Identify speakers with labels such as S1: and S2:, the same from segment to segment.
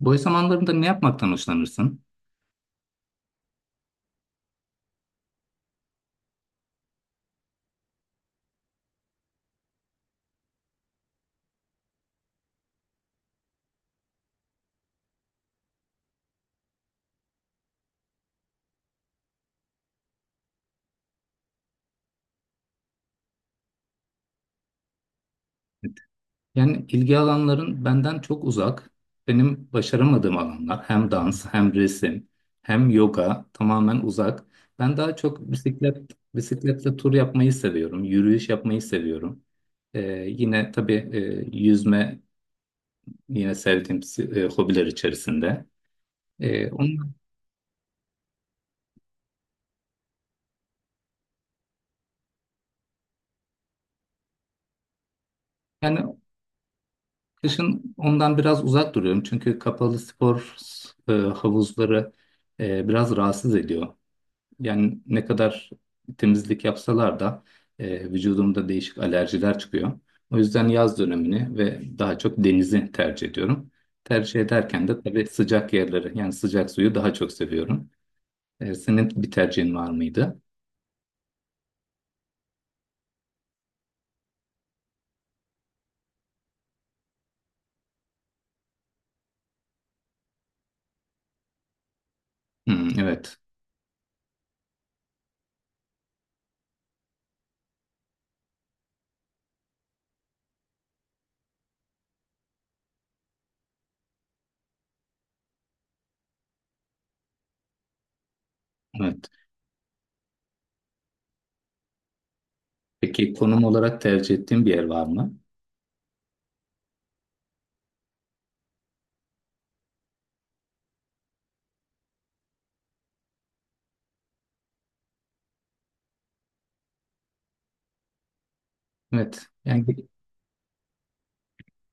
S1: Boş zamanlarında ne yapmaktan hoşlanırsın? Yani ilgi alanların benden çok uzak. Benim başaramadığım alanlar hem dans hem resim hem yoga tamamen uzak. Ben daha çok bisikletle tur yapmayı seviyorum. Yürüyüş yapmayı seviyorum. Ee, Yine tabii yüzme yine sevdiğim hobiler içerisinde. Onun, yani Kışın ondan biraz uzak duruyorum. Çünkü kapalı spor havuzları biraz rahatsız ediyor. Yani ne kadar temizlik yapsalar da vücudumda değişik alerjiler çıkıyor. O yüzden yaz dönemini ve daha çok denizi tercih ediyorum. Tercih ederken de tabii sıcak yerleri yani sıcak suyu daha çok seviyorum. Senin bir tercihin var mıydı? Hmm, evet. Evet. Peki konum olarak tercih ettiğin bir yer var mı? Evet. Yani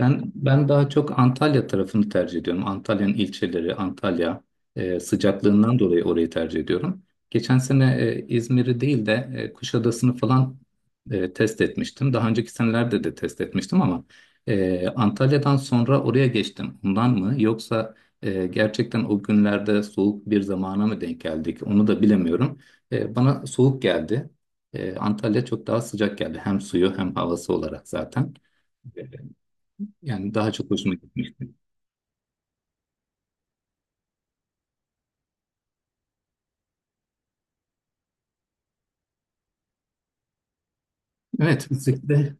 S1: Ben ben daha çok Antalya tarafını tercih ediyorum. Antalya'nın ilçeleri, Antalya sıcaklığından dolayı orayı tercih ediyorum. Geçen sene İzmir'i değil de Kuşadası'nı falan test etmiştim. Daha önceki senelerde de test etmiştim ama Antalya'dan sonra oraya geçtim. Ondan mı? Yoksa gerçekten o günlerde soğuk bir zamana mı denk geldik? Onu da bilemiyorum. Bana soğuk geldi. Antalya çok daha sıcak geldi. Hem suyu hem havası olarak zaten. Yani daha çok hoşuma gitmişti. Evet, bisiklet.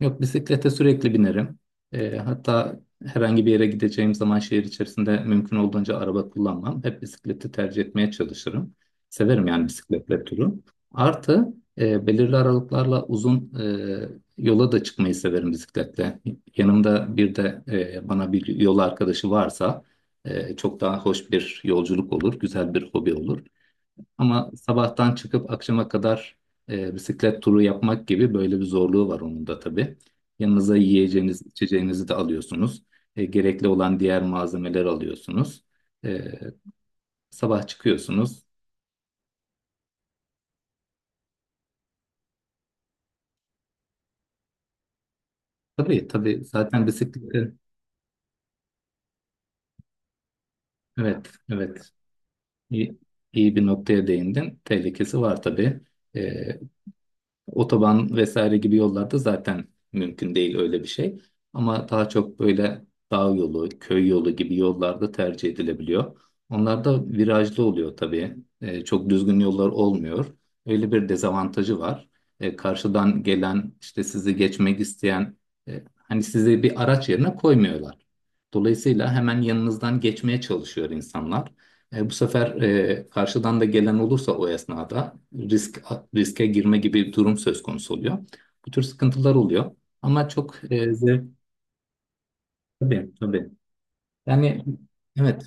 S1: Yok, bisiklete sürekli binerim. Hatta herhangi bir yere gideceğim zaman şehir içerisinde mümkün olduğunca araba kullanmam. Hep bisikleti tercih etmeye çalışırım. Severim yani bisikletle turu. Artı belirli aralıklarla uzun yola da çıkmayı severim bisikletle. Yanımda bir de bana bir yol arkadaşı varsa çok daha hoş bir yolculuk olur, güzel bir hobi olur. Ama sabahtan çıkıp akşama kadar bisiklet turu yapmak gibi böyle bir zorluğu var onun da tabii. Yanınıza yiyeceğiniz, içeceğinizi de alıyorsunuz. Gerekli olan diğer malzemeleri alıyorsunuz. E, Sabah çıkıyorsunuz. Tabii tabii, zaten bisiklette evet evet, iyi, iyi bir noktaya değindin. Tehlikesi var tabii. E, Otoban vesaire gibi yollarda zaten mümkün değil öyle bir şey. Ama daha çok böyle dağ yolu, köy yolu gibi yollarda tercih edilebiliyor. Onlar da virajlı oluyor tabii. Çok düzgün yollar olmuyor. Öyle bir dezavantajı var. Karşıdan gelen işte sizi geçmek isteyen hani sizi bir araç yerine koymuyorlar. Dolayısıyla hemen yanınızdan geçmeye çalışıyor insanlar. Bu sefer karşıdan da gelen olursa o esnada riske girme gibi bir durum söz konusu oluyor. Bu tür sıkıntılar oluyor. Ama çok zevk, tabii tabii. Yani evet,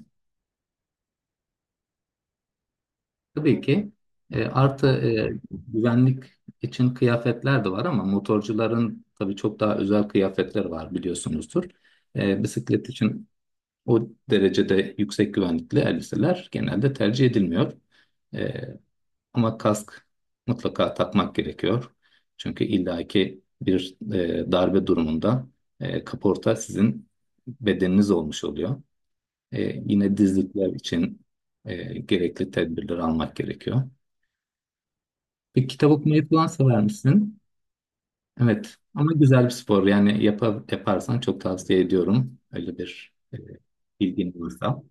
S1: tabii ki. Artı güvenlik için kıyafetler de var ama motorcuların tabii çok daha özel kıyafetleri var biliyorsunuzdur. Bisiklet için o derecede yüksek güvenlikli elbiseler genelde tercih edilmiyor. E, Ama kask mutlaka takmak gerekiyor. Çünkü illaki bir darbe durumunda kaporta sizin bedeniniz olmuş oluyor. E, Yine dizlikler için gerekli tedbirleri almak gerekiyor. Bir kitap okumayı falan sever misin? Evet ama güzel bir spor yani yaparsan çok tavsiye ediyorum. Öyle bir bilgin varsa.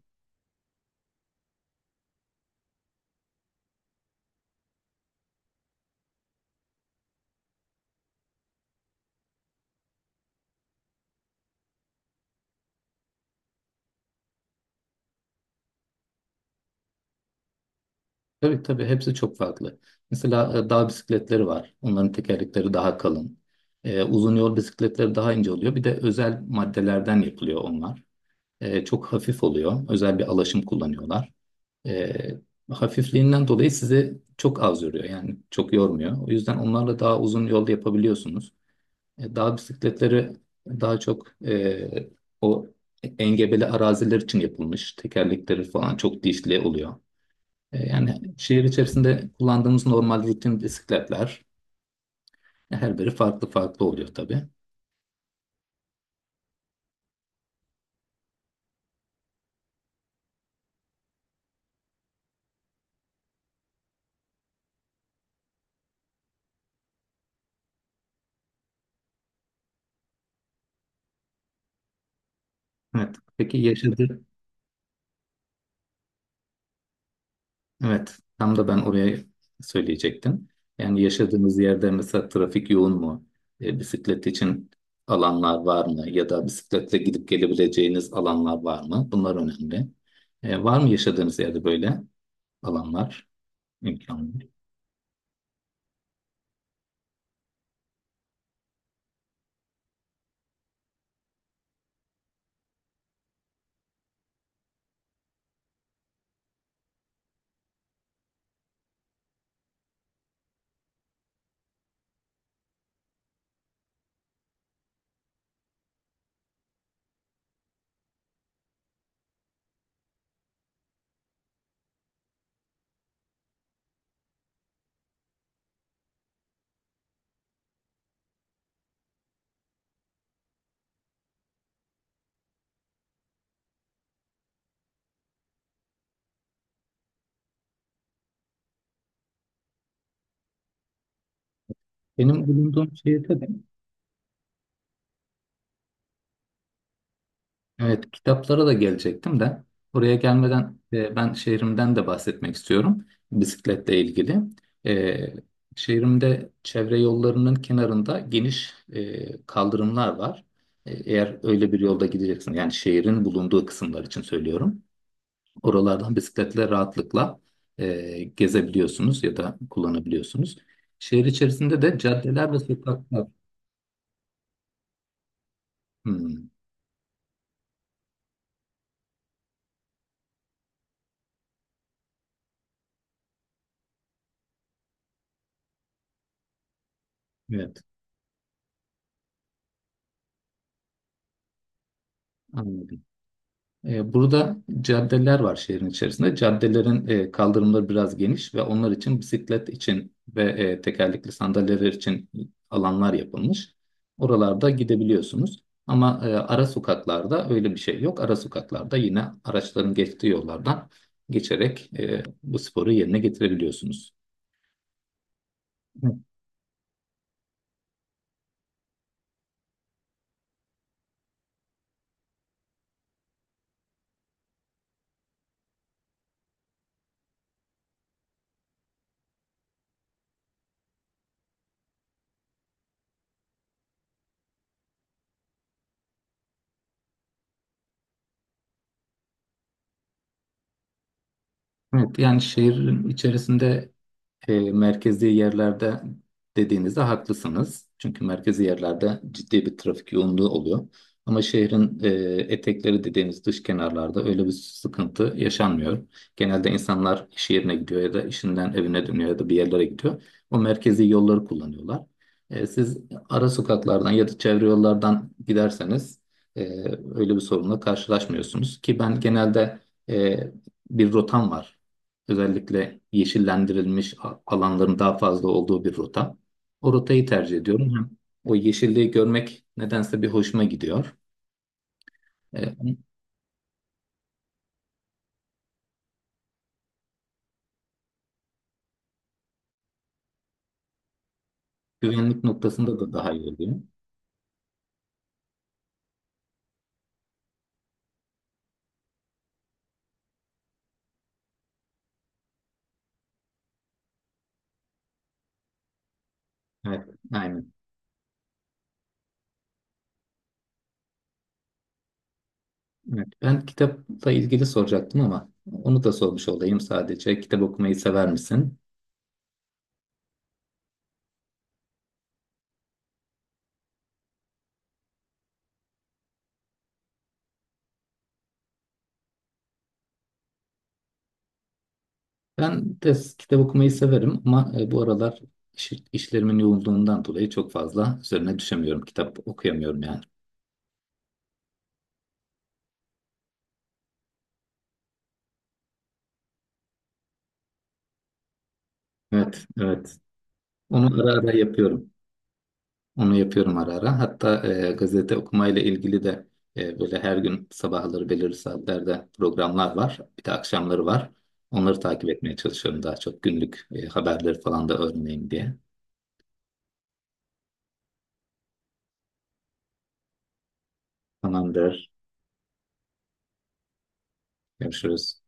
S1: Tabii tabii, hepsi çok farklı. Mesela dağ bisikletleri var. Onların tekerlekleri daha kalın. Uzun yol bisikletleri daha ince oluyor. Bir de özel maddelerden yapılıyor onlar. Çok hafif oluyor. Özel bir alaşım kullanıyorlar. E, Hafifliğinden dolayı sizi çok az yoruyor. Yani çok yormuyor. O yüzden onlarla daha uzun yolda yapabiliyorsunuz. Dağ bisikletleri daha çok e, o engebeli araziler için yapılmış. Tekerlekleri falan çok dişli oluyor. Yani şehir içerisinde kullandığımız normal rutin bisikletler, her biri farklı farklı oluyor tabii. Evet. Peki yaşadığı evet tam da ben oraya söyleyecektim. Yani yaşadığınız yerde mesela trafik yoğun mu? Bisiklet için alanlar var mı? Ya da bisikletle gidip gelebileceğiniz alanlar var mı? Bunlar önemli. Var mı yaşadığınız yerde böyle alanlar, imkanlar? Benim bulunduğum şehirde de Evet, kitaplara da gelecektim de oraya gelmeden ben şehrimden de bahsetmek istiyorum bisikletle ilgili. E, Şehrimde çevre yollarının kenarında geniş kaldırımlar var. Eğer öyle bir yolda gideceksin, yani şehrin bulunduğu kısımlar için söylüyorum. Oralardan bisikletle rahatlıkla gezebiliyorsunuz ya da kullanabiliyorsunuz. Şehir içerisinde de caddeler ve sokaklar. Hmm, evet, anladım. Burada caddeler var şehrin içerisinde. Caddelerin kaldırımları biraz geniş ve onlar için, bisiklet için ve tekerlekli sandalyeler için alanlar yapılmış. Oralarda gidebiliyorsunuz. Ama ara sokaklarda öyle bir şey yok. Ara sokaklarda yine araçların geçtiği yollardan geçerek bu sporu yerine getirebiliyorsunuz. Evet, evet, yani şehrin içerisinde merkezi yerlerde dediğinizde haklısınız. Çünkü merkezi yerlerde ciddi bir trafik yoğunluğu oluyor. Ama şehrin etekleri dediğimiz dış kenarlarda öyle bir sıkıntı yaşanmıyor. Genelde insanlar iş yerine gidiyor ya da işinden evine dönüyor ya da bir yerlere gidiyor. O merkezi yolları kullanıyorlar. Siz ara sokaklardan ya da çevre yollardan giderseniz e, öyle bir sorunla karşılaşmıyorsunuz. Ki ben genelde e, bir rotam var. Özellikle yeşillendirilmiş alanların daha fazla olduğu bir rota. O rotayı tercih ediyorum. Hem o yeşilliği görmek nedense bir hoşuma gidiyor. Ee, Güvenlik noktasında da daha iyi oluyor. Evet, aynen. Evet. Ben kitapla ilgili soracaktım ama onu da sormuş olayım sadece. Kitap okumayı sever misin? Ben de kitap okumayı severim ama bu aralar işlerimin yoğunluğundan dolayı çok fazla üzerine düşemiyorum. Kitap okuyamıyorum yani. Evet, evet. Onu ara ara yapıyorum. Onu yapıyorum ara ara. Hatta gazete okumayla ilgili de böyle her gün sabahları belirli saatlerde programlar var. Bir de akşamları var. Onları takip etmeye çalışıyorum daha çok, günlük haberleri falan da öğreneyim diye. Tamamdır. Görüşürüz.